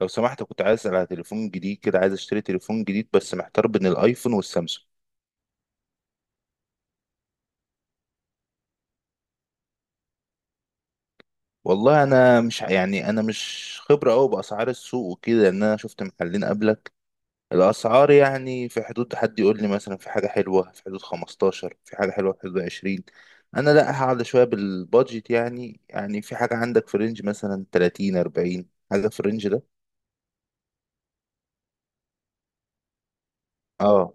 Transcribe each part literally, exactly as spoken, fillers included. لو سمحت، كنت عايز اسال على تليفون جديد كده. عايز اشتري تليفون جديد بس محتار بين الايفون والسامسونج. والله انا مش ع- يعني انا مش خبره قوي باسعار السوق وكده، ان انا شفت محلين قبلك. الاسعار يعني في حدود، حد يقول لي مثلا في حاجه حلوه في حدود خمستاشر، في حاجه حلوه في حدود عشرين. انا لا هقعد شويه بالبادجت. يعني يعني في حاجه عندك في رينج مثلا تلاتين اربعين، حاجه في الرينج ده. اه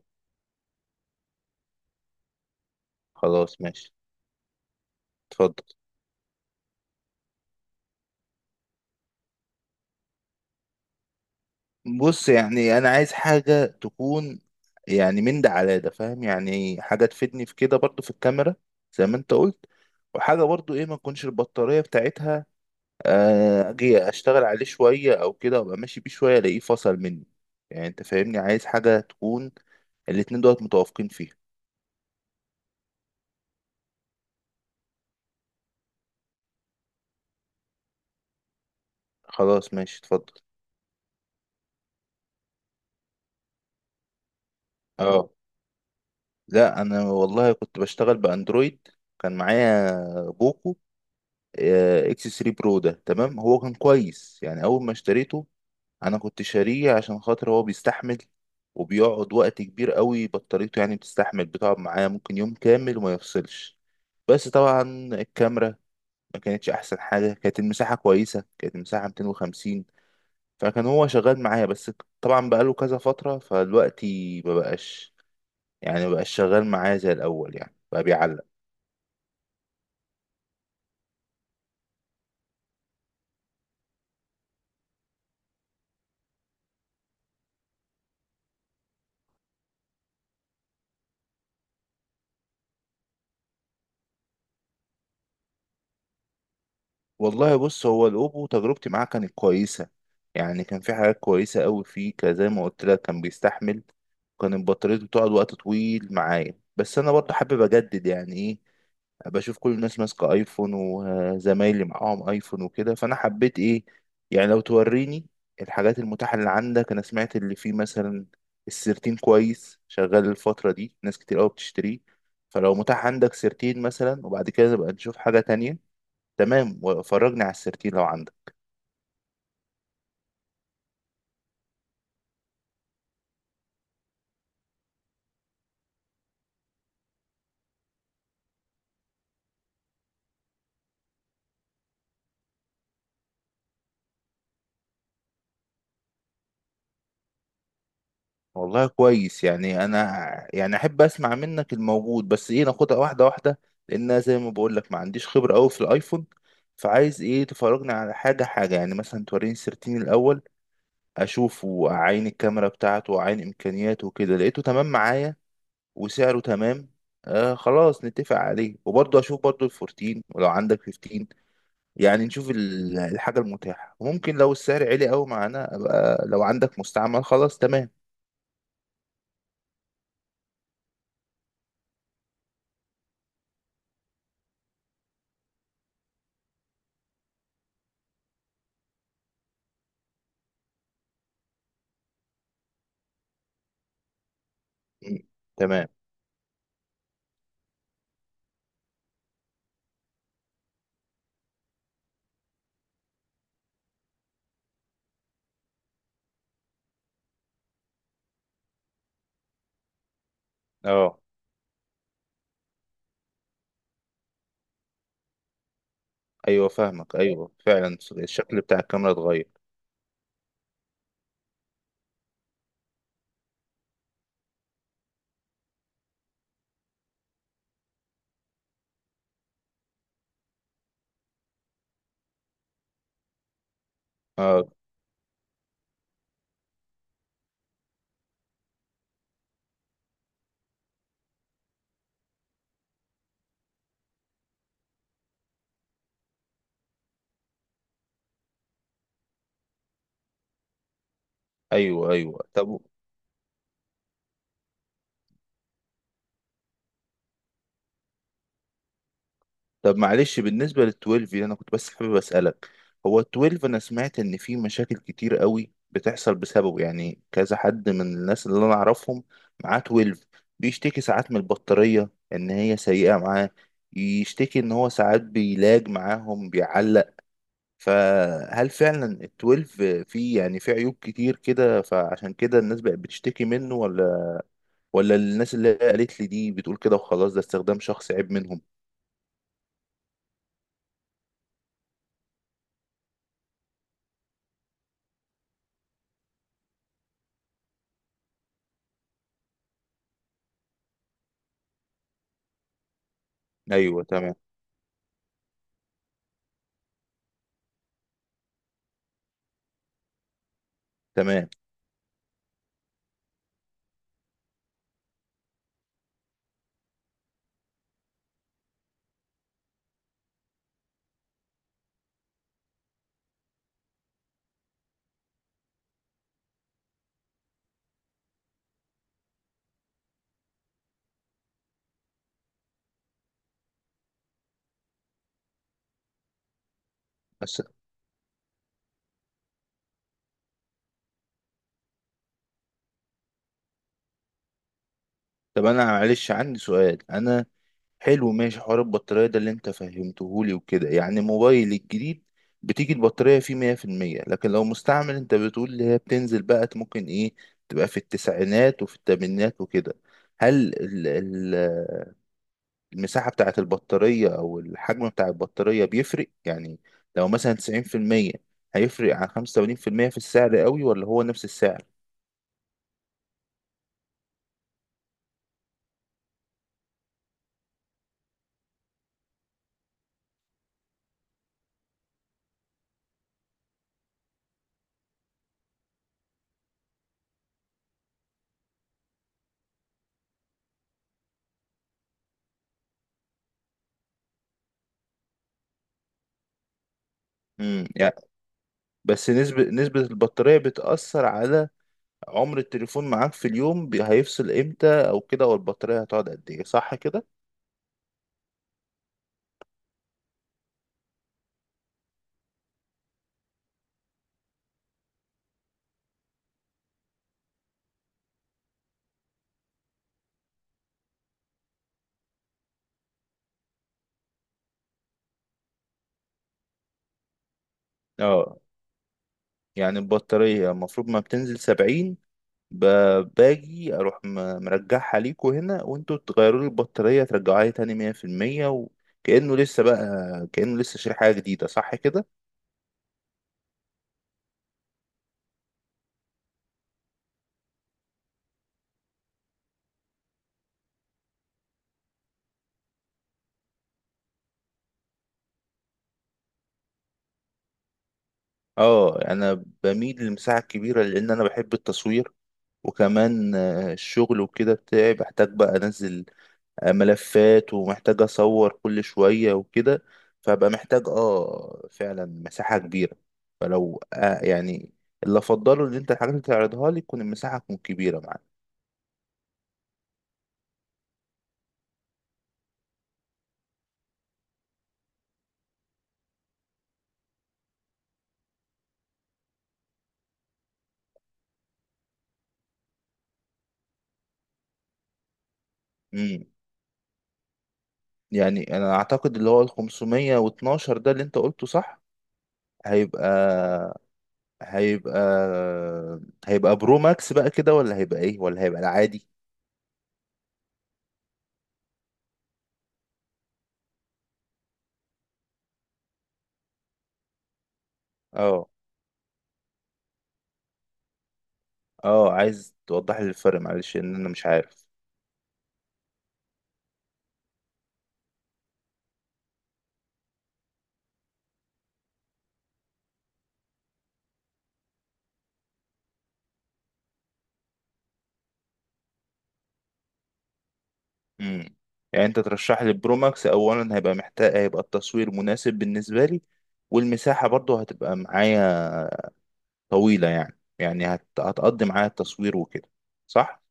خلاص ماشي، اتفضل. بص يعني انا عايز حاجه تكون، يعني من ده على ده فاهم، يعني حاجه تفيدني في كده برضو في الكاميرا زي ما انت قلت. وحاجه برضو ايه، ما تكونش البطاريه بتاعتها آه، اجي اشتغل عليه شويه او كده وابقى ماشي بيه شويه الاقيه فصل مني. يعني انت فاهمني عايز حاجه تكون الاتنين دولت متوافقين فيها. خلاص ماشي، اتفضل. اه، لا انا والله كنت بشتغل باندرويد. كان معايا بوكو اكس ثري برو، ده تمام. هو كان كويس يعني اول ما اشتريته، انا كنت شاريه عشان خاطر هو بيستحمل وبيقعد وقت كبير قوي بطاريته، يعني بتستحمل بتقعد معايا ممكن يوم كامل وما يفصلش. بس طبعا الكاميرا ما كانتش احسن حاجه. كانت المساحه كويسه، كانت المساحه ميتين وخمسين. فكان هو شغال معايا، بس طبعا بقاله كذا فتره فدلوقتي ما بقاش، يعني ما بقاش شغال معايا زي الاول يعني بقى بيعلق. والله بص، هو الأوبو تجربتي معاه كانت كويسة. يعني كان في حاجات كويسة أوي فيه، ك- زي ما قلت لك كان بيستحمل وكان البطارية بتقعد وقت طويل معايا. بس أنا برضه حابب أجدد يعني إيه، بشوف كل الناس ماسكة أيفون وزمايلي معاهم أيفون وكده، فأنا حبيت إيه يعني. لو توريني الحاجات المتاحة اللي عندك. أنا سمعت اللي فيه مثلا السيرتين كويس شغال، الفترة دي ناس كتير أوي بتشتريه. فلو متاح عندك سيرتين مثلا وبعد كده نبقى نشوف حاجة تانية. تمام، وفرجني على السيرتين لو عندك. والله كويس. يعني انا يعني احب اسمع منك الموجود، بس ايه، ناخدها واحده واحده. لان أنا زي ما بقول لك ما عنديش خبره قوي في الايفون، فعايز ايه تفرجني على حاجه حاجه، يعني مثلا توريني السيرتين الاول اشوفه، اعاين الكاميرا بتاعته واعاين امكانياته وكده. لقيته تمام معايا وسعره تمام، آه خلاص نتفق عليه. وبرضه اشوف برضه الاربعتاشر ولو عندك خمستاشر، يعني نشوف ال- الحاجة المتاحة. ممكن لو السعر عالي قوي معانا أبقى لو عندك مستعمل خلاص تمام. م- تمام. اه ايوه، فاهمك. ايوه فعلا الشكل بتاع الكاميرا اتغير. اه ايوه ايوه، طب طب. معلش، بالنسبة لل اثنا عشر دي انا كنت بس حابب اسألك. هو ال اتناشر، انا سمعت ان في مشاكل كتير قوي بتحصل بسببه، يعني كذا حد من الناس اللي انا اعرفهم معاه اثنا عشر بيشتكي ساعات من البطارية ان هي سيئة معاه، يشتكي ان هو ساعات بيلاج معاهم بيعلق. فهل فعلا ال اثنا عشر فيه يعني فيه عيوب كتير كده فعشان كده الناس بقت بتشتكي منه، ولا ولا الناس اللي قالت لي دي بتقول كده وخلاص ده استخدام شخصي عيب منهم؟ ايوه تمام تمام، بس. طب انا معلش عندي سؤال. انا حلو ماشي، حوار البطارية ده اللي انت فهمتهولي وكده. يعني موبايل الجديد بتيجي البطارية فيه مية في المية، لكن لو مستعمل انت بتقول اللي هي بتنزل بقى ممكن ايه تبقى في التسعينات وفي التمانينات وكده. هل ال- ال- المساحة بتاعة البطارية او الحجم بتاع البطارية بيفرق يعني، لو مثلا تسعين في المية هيفرق عن خمسة وتمانين في المية في السعر قوي ولا هو نفس السعر؟ امم يعني بس نسبة نسبة البطارية بتأثر على عمر التليفون معاك في اليوم، بي- هيفصل امتى او كده، او البطارية هتقعد قد ايه؟ صح كده. اه، يعني البطارية المفروض ما بتنزل سبعين، ب- باجي اروح م- مرجعها ليكوا هنا وانتوا تغيروا لي البطارية ترجعوها لي تاني مية في المية. وكأنه لسه بقى، كأنه لسه شاري حاجة جديدة، صح كده. اه، انا بميل للمساحة الكبيرة لان انا بحب التصوير، وكمان آه، الشغل وكده بتاعي بحتاج بقى انزل آه، ملفات ومحتاج اصور كل شوية وكده. فبقى محتاج اه فعلا مساحة كبيرة. فلو آه يعني اللي افضله ان انت الحاجات اللي تعرضها لي تكون المساحة تكون كبيرة معاك. امم يعني انا اعتقد اللي هو ال خمسمئة واثنا عشر ده اللي انت قلته صح. هيبقى هيبقى هيبقى برو ماكس بقى كده، ولا هيبقى ايه، ولا هيبقى العادي؟ اه اه، عايز توضح لي الفرق معلش ان انا مش عارف. امم يعني انت ترشح لي برو ماكس اولا، هيبقى محتاج، هيبقى التصوير مناسب بالنسبه لي والمساحه برضو هتبقى معايا طويله، يعني يعني هت... هتقضي معايا التصوير وكده، صح.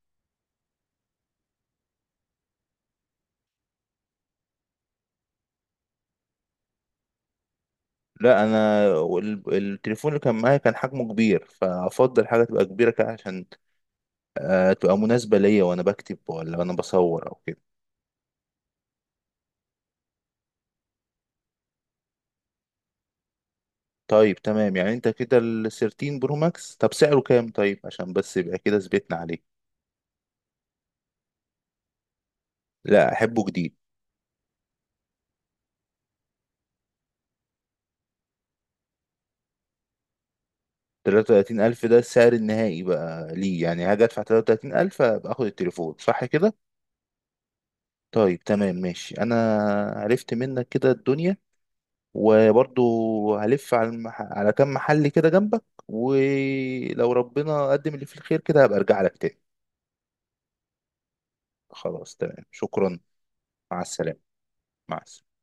لا انا وال- التليفون اللي كان معايا كان حجمه كبير، فافضل حاجه تبقى كبيره كده عشان آه، تبقى مناسبه ليا وانا بكتب ولا انا بصور او كده. طيب تمام، يعني انت كده ال تلتاشر برو ماكس طب سعره كام؟ طيب عشان بس يبقى كده ثبتنا عليه. لا، احبه جديد. تلاتة وتلاتين ألف ده السعر النهائي بقى ليه؟ يعني هاجي أدفع تلاتة وتلاتين ألف أبقى آخد التليفون، صح كده؟ طيب تمام ماشي، أنا عرفت منك كده الدنيا. وبرضو هلف على المح... على كام محل كده جنبك، ولو ربنا قدم اللي فيه الخير كده هبقى أرجع لك تاني. خلاص تمام، شكرا. مع السلامة. مع السلامة.